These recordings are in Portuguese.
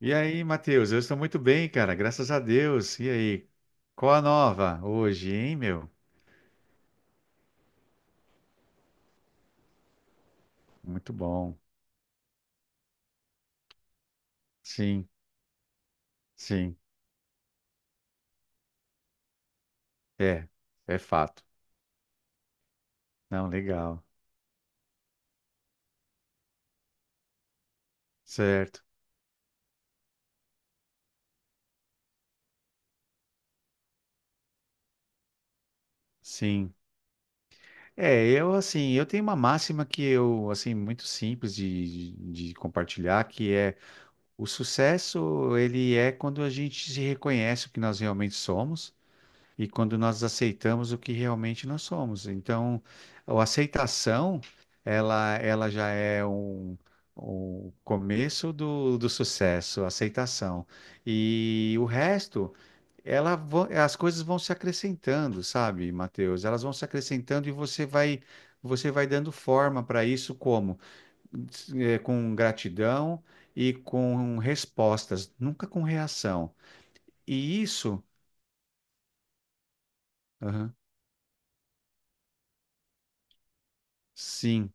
E aí, Matheus? Eu estou muito bem, cara, graças a Deus. E aí? Qual a nova hoje, hein, meu? Muito bom. Sim, sim. É, é fato. Não, legal. Certo. Sim. É, eu assim, eu tenho uma máxima que eu, assim, muito simples de compartilhar, que é o sucesso, ele é quando a gente se reconhece o que nós realmente somos e quando nós aceitamos o que realmente nós somos. Então, a aceitação, ela já é um, o começo do sucesso, a aceitação. E o resto, as coisas vão se acrescentando, sabe, Mateus? Elas vão se acrescentando e você vai dando forma para isso como? Com gratidão e com respostas, nunca com reação. E isso, Aham. Sim.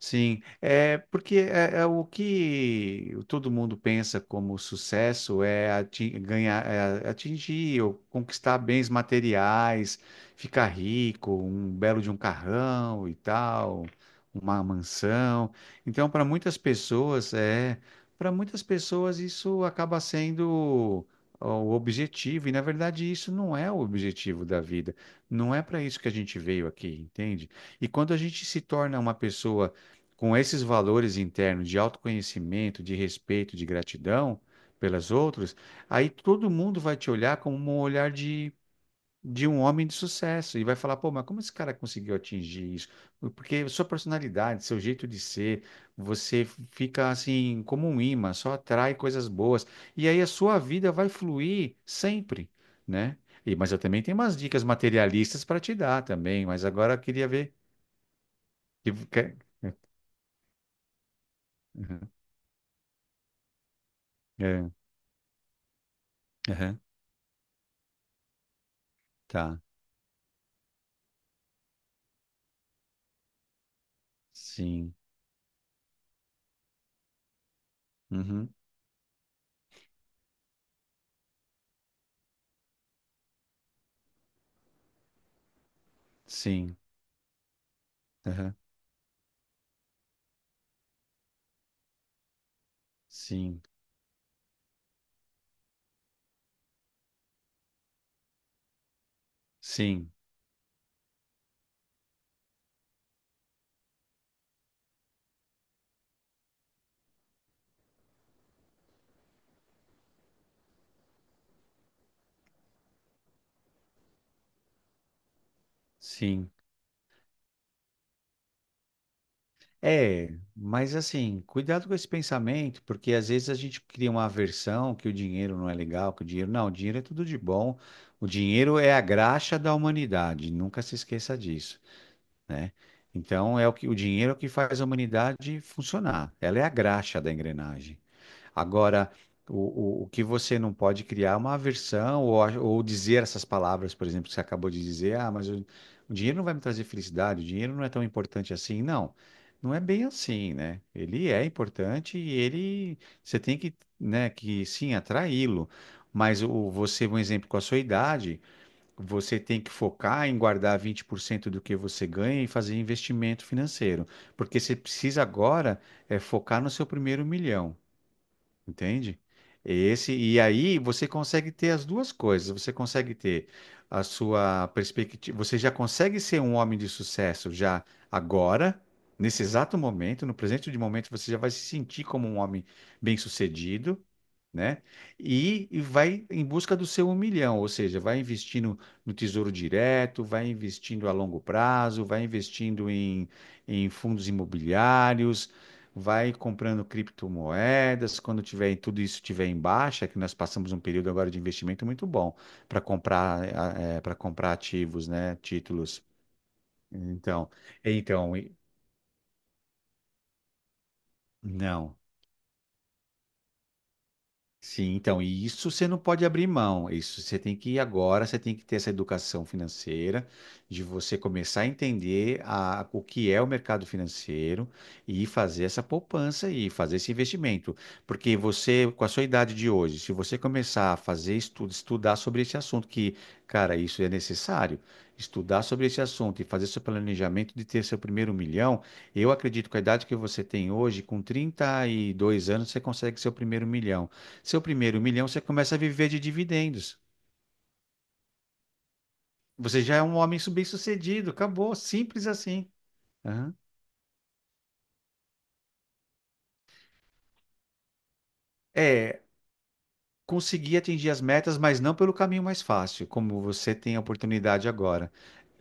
Sim, é porque é o que todo mundo pensa como sucesso é ganhar, é atingir ou conquistar bens materiais, ficar rico, um belo de um carrão e tal, uma mansão. Então, para muitas pessoas isso acaba sendo o objetivo, e na verdade isso não é o objetivo da vida. Não é para isso que a gente veio aqui, entende? E quando a gente se torna uma pessoa com esses valores internos de autoconhecimento, de respeito, de gratidão pelas outras, aí todo mundo vai te olhar como um olhar de um homem de sucesso e vai falar: pô, mas como esse cara conseguiu atingir isso? Porque sua personalidade, seu jeito de ser, você fica assim como um imã, só atrai coisas boas. E aí a sua vida vai fluir sempre, né? E, mas eu também tenho umas dicas materialistas para te dar também, mas agora eu queria ver. que- que- É, aham. Tá. Sim. Uhum. Sim. Aham. Sim. Sim. Sim. É, mas assim, cuidado com esse pensamento, porque às vezes a gente cria uma aversão que o dinheiro não é legal, que o dinheiro. Não, o dinheiro é tudo de bom. O dinheiro é a graxa da humanidade, nunca se esqueça disso, né? Então é o que o dinheiro é o que faz a humanidade funcionar. Ela é a graxa da engrenagem. Agora, o que você não pode criar é uma aversão ou, ou dizer essas palavras, por exemplo, que você acabou de dizer, ah, mas o dinheiro não vai me trazer felicidade, o dinheiro não é tão importante assim. Não, não é bem assim, né? Ele é importante e ele, você tem que, né, que sim, atraí-lo. Mas o, você, um exemplo, com a sua idade, você tem que focar em guardar 20% do que você ganha e fazer investimento financeiro. Porque você precisa agora é focar no seu primeiro milhão. Entende? Esse, e aí você consegue ter as duas coisas. Você consegue ter a sua perspectiva. Você já consegue ser um homem de sucesso já agora, nesse exato momento, no presente de momento, você já vai se sentir como um homem bem-sucedido, né? E vai em busca do seu um milhão, ou seja, vai investindo no Tesouro Direto, vai investindo a longo prazo, vai investindo em fundos imobiliários, vai comprando criptomoedas. Quando tiver tudo isso tiver em baixa, que nós passamos um período agora de investimento muito bom para comprar ativos, né? Títulos. Então, então, Não. Sim, então, e isso você não pode abrir mão. Isso você tem que ir agora, você tem que ter essa educação financeira, de você começar a entender a, o que é o mercado financeiro e fazer essa poupança e fazer esse investimento. Porque você, com a sua idade de hoje, se você começar a fazer estudo, estudar sobre esse assunto, que, cara, isso é necessário, estudar sobre esse assunto e fazer seu planejamento de ter seu primeiro milhão, eu acredito que com a idade que você tem hoje, com 32 anos, você consegue seu primeiro milhão. Seu primeiro milhão, você começa a viver de dividendos. Você já é um homem bem-sucedido, acabou, simples assim. Aham. É, conseguir atingir as metas, mas não pelo caminho mais fácil, como você tem a oportunidade agora.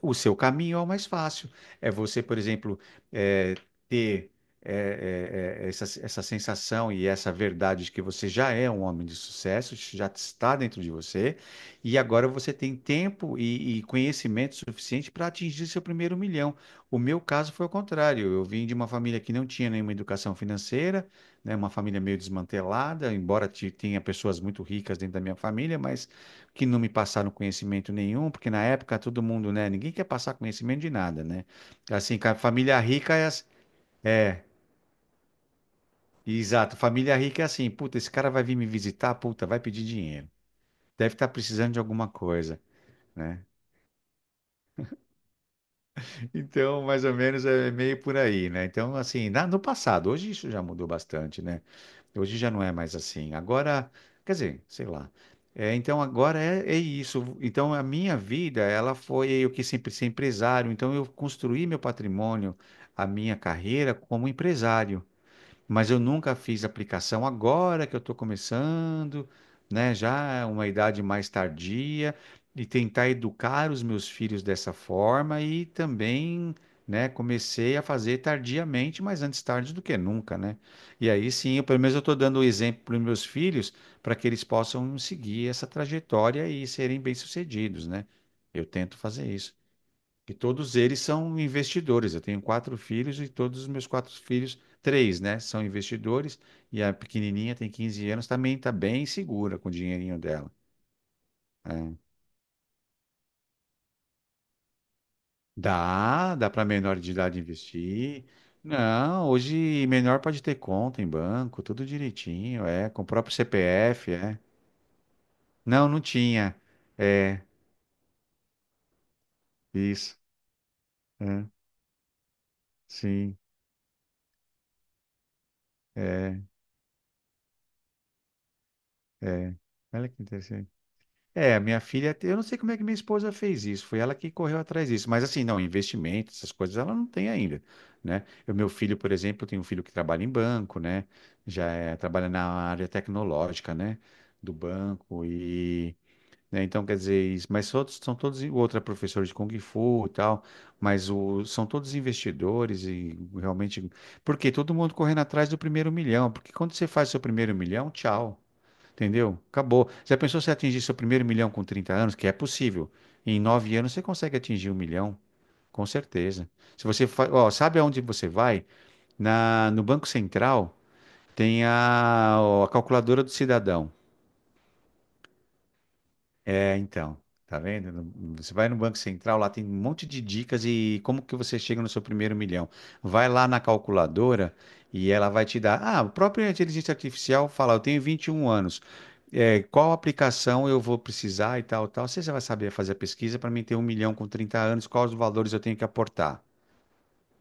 O seu caminho é o mais fácil. É você, por exemplo, eh, ter essa sensação e essa verdade de que você já é um homem de sucesso, isso já está dentro de você, e agora você tem tempo e conhecimento suficiente para atingir seu primeiro milhão. O meu caso foi o contrário. Eu vim de uma família que não tinha nenhuma educação financeira, né, uma família meio desmantelada, embora tenha pessoas muito ricas dentro da minha família, mas que não me passaram conhecimento nenhum, porque na época todo mundo, né, ninguém quer passar conhecimento de nada, né? Assim, família rica é. Exato, família rica é assim, puta, esse cara vai vir me visitar, puta, vai pedir dinheiro. Deve estar precisando de alguma coisa, né? Então, mais ou menos é meio por aí, né? Então, assim, no passado, hoje isso já mudou bastante, né? Hoje já não é mais assim. Agora, quer dizer, sei lá. É, então, agora é isso. Então, a minha vida, ela foi eu que sempre ser empresário. Então, eu construí meu patrimônio, a minha carreira como empresário, mas eu nunca fiz aplicação. Agora que eu estou começando, né, já é uma idade mais tardia, e tentar educar os meus filhos dessa forma e também, né, comecei a fazer tardiamente, mas antes tarde do que nunca, né? E aí sim, eu, pelo menos eu estou dando o exemplo para os meus filhos para que eles possam seguir essa trajetória e serem bem-sucedidos, né? Eu tento fazer isso que todos eles são investidores. Eu tenho quatro filhos e todos os meus quatro filhos, três, né, são investidores. E a pequenininha tem 15 anos, também está bem segura com o dinheirinho dela, né? Dá para menor de idade investir. Não, hoje menor pode ter conta em banco, tudo direitinho, é, com o próprio CPF, é. Não, não tinha. É, isso. É, sim, é, é. Olha que interessante. É, minha filha, eu não sei como é que minha esposa fez isso, foi ela que correu atrás disso, mas assim, não, investimento, essas coisas ela não tem ainda, né? O meu filho, por exemplo, tem um filho que trabalha em banco, né? Já é, trabalha na área tecnológica, né? Do banco e, né? Então, quer dizer, mas outros são todos, o outro é professor de Kung Fu e tal, mas o, são todos investidores e realmente, porque todo mundo correndo atrás do primeiro milhão, porque quando você faz seu primeiro milhão, tchau. Entendeu? Acabou. Já pensou se atingir seu primeiro milhão com 30 anos? Que é possível. Em 9 anos você consegue atingir um milhão. Com certeza. Se você ó, sabe aonde você vai? No Banco Central tem a calculadora do cidadão. É, então, tá vendo? Você vai no Banco Central, lá tem um monte de dicas e como que você chega no seu primeiro milhão. Vai lá na calculadora e ela vai te dar. Ah, o próprio inteligência artificial fala, eu tenho 21 anos. É, qual aplicação eu vou precisar e tal, tal. Você já vai saber fazer a pesquisa para mim ter um milhão com 30 anos, quais os valores eu tenho que aportar.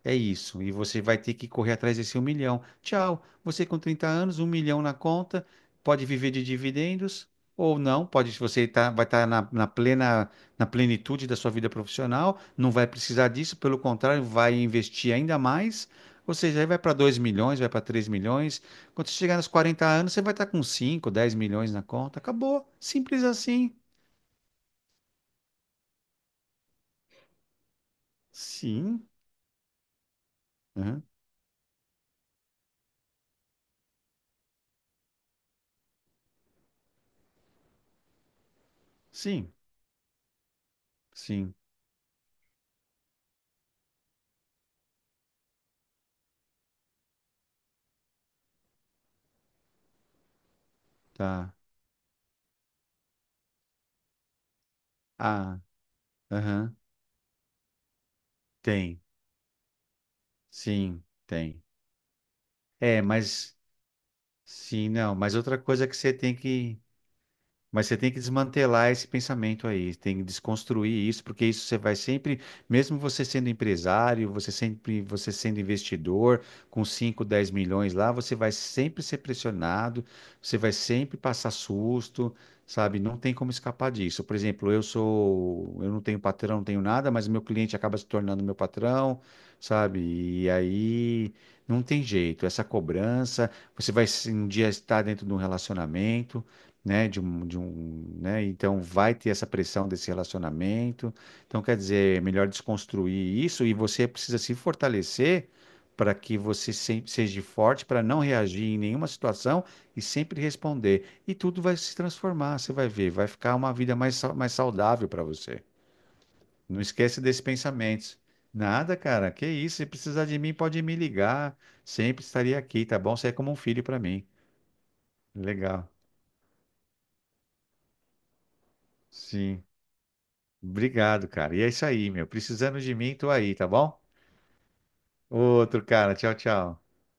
É isso, e você vai ter que correr atrás desse um milhão. Tchau, você com 30 anos, um milhão na conta, pode viver de dividendos ou não, pode, você tá, vai estar na, na plena, na plenitude da sua vida profissional, não vai precisar disso, pelo contrário, vai investir ainda mais, ou seja, aí vai para 2 milhões, vai para 3 milhões. Quando você chegar nos 40 anos, você vai estar com cinco dez milhões na conta, acabou, simples assim. Sim, aham. Sim, sim, tá. Ah, aham. Tem. Sim, tem. É, mas sim, não. Mas outra coisa que você tem que, mas você tem que desmantelar esse pensamento aí, tem que desconstruir isso, porque isso você vai sempre, mesmo você sendo empresário, você sempre, você sendo investidor, com 5, 10 milhões lá, você vai sempre ser pressionado, você vai sempre passar susto, sabe? Não tem como escapar disso. Por exemplo, eu sou, eu não tenho patrão, não tenho nada, mas meu cliente acaba se tornando meu patrão, sabe? E aí não tem jeito, essa cobrança, você vai um dia estar dentro de um relacionamento, né, de um, né, então vai ter essa pressão desse relacionamento. Então, quer dizer, é melhor desconstruir isso e você precisa se fortalecer para que você seja forte para não reagir em nenhuma situação e sempre responder. E tudo vai se transformar, você vai ver, vai ficar uma vida mais, mais saudável para você. Não esquece desses pensamentos. Nada, cara, que isso, se precisar de mim, pode me ligar. Sempre estaria aqui, tá bom? Você é como um filho para mim. Legal. Sim. Obrigado, cara. E é isso aí, meu. Precisando de mim, tô aí, tá bom? Outro, cara. Tchau, tchau.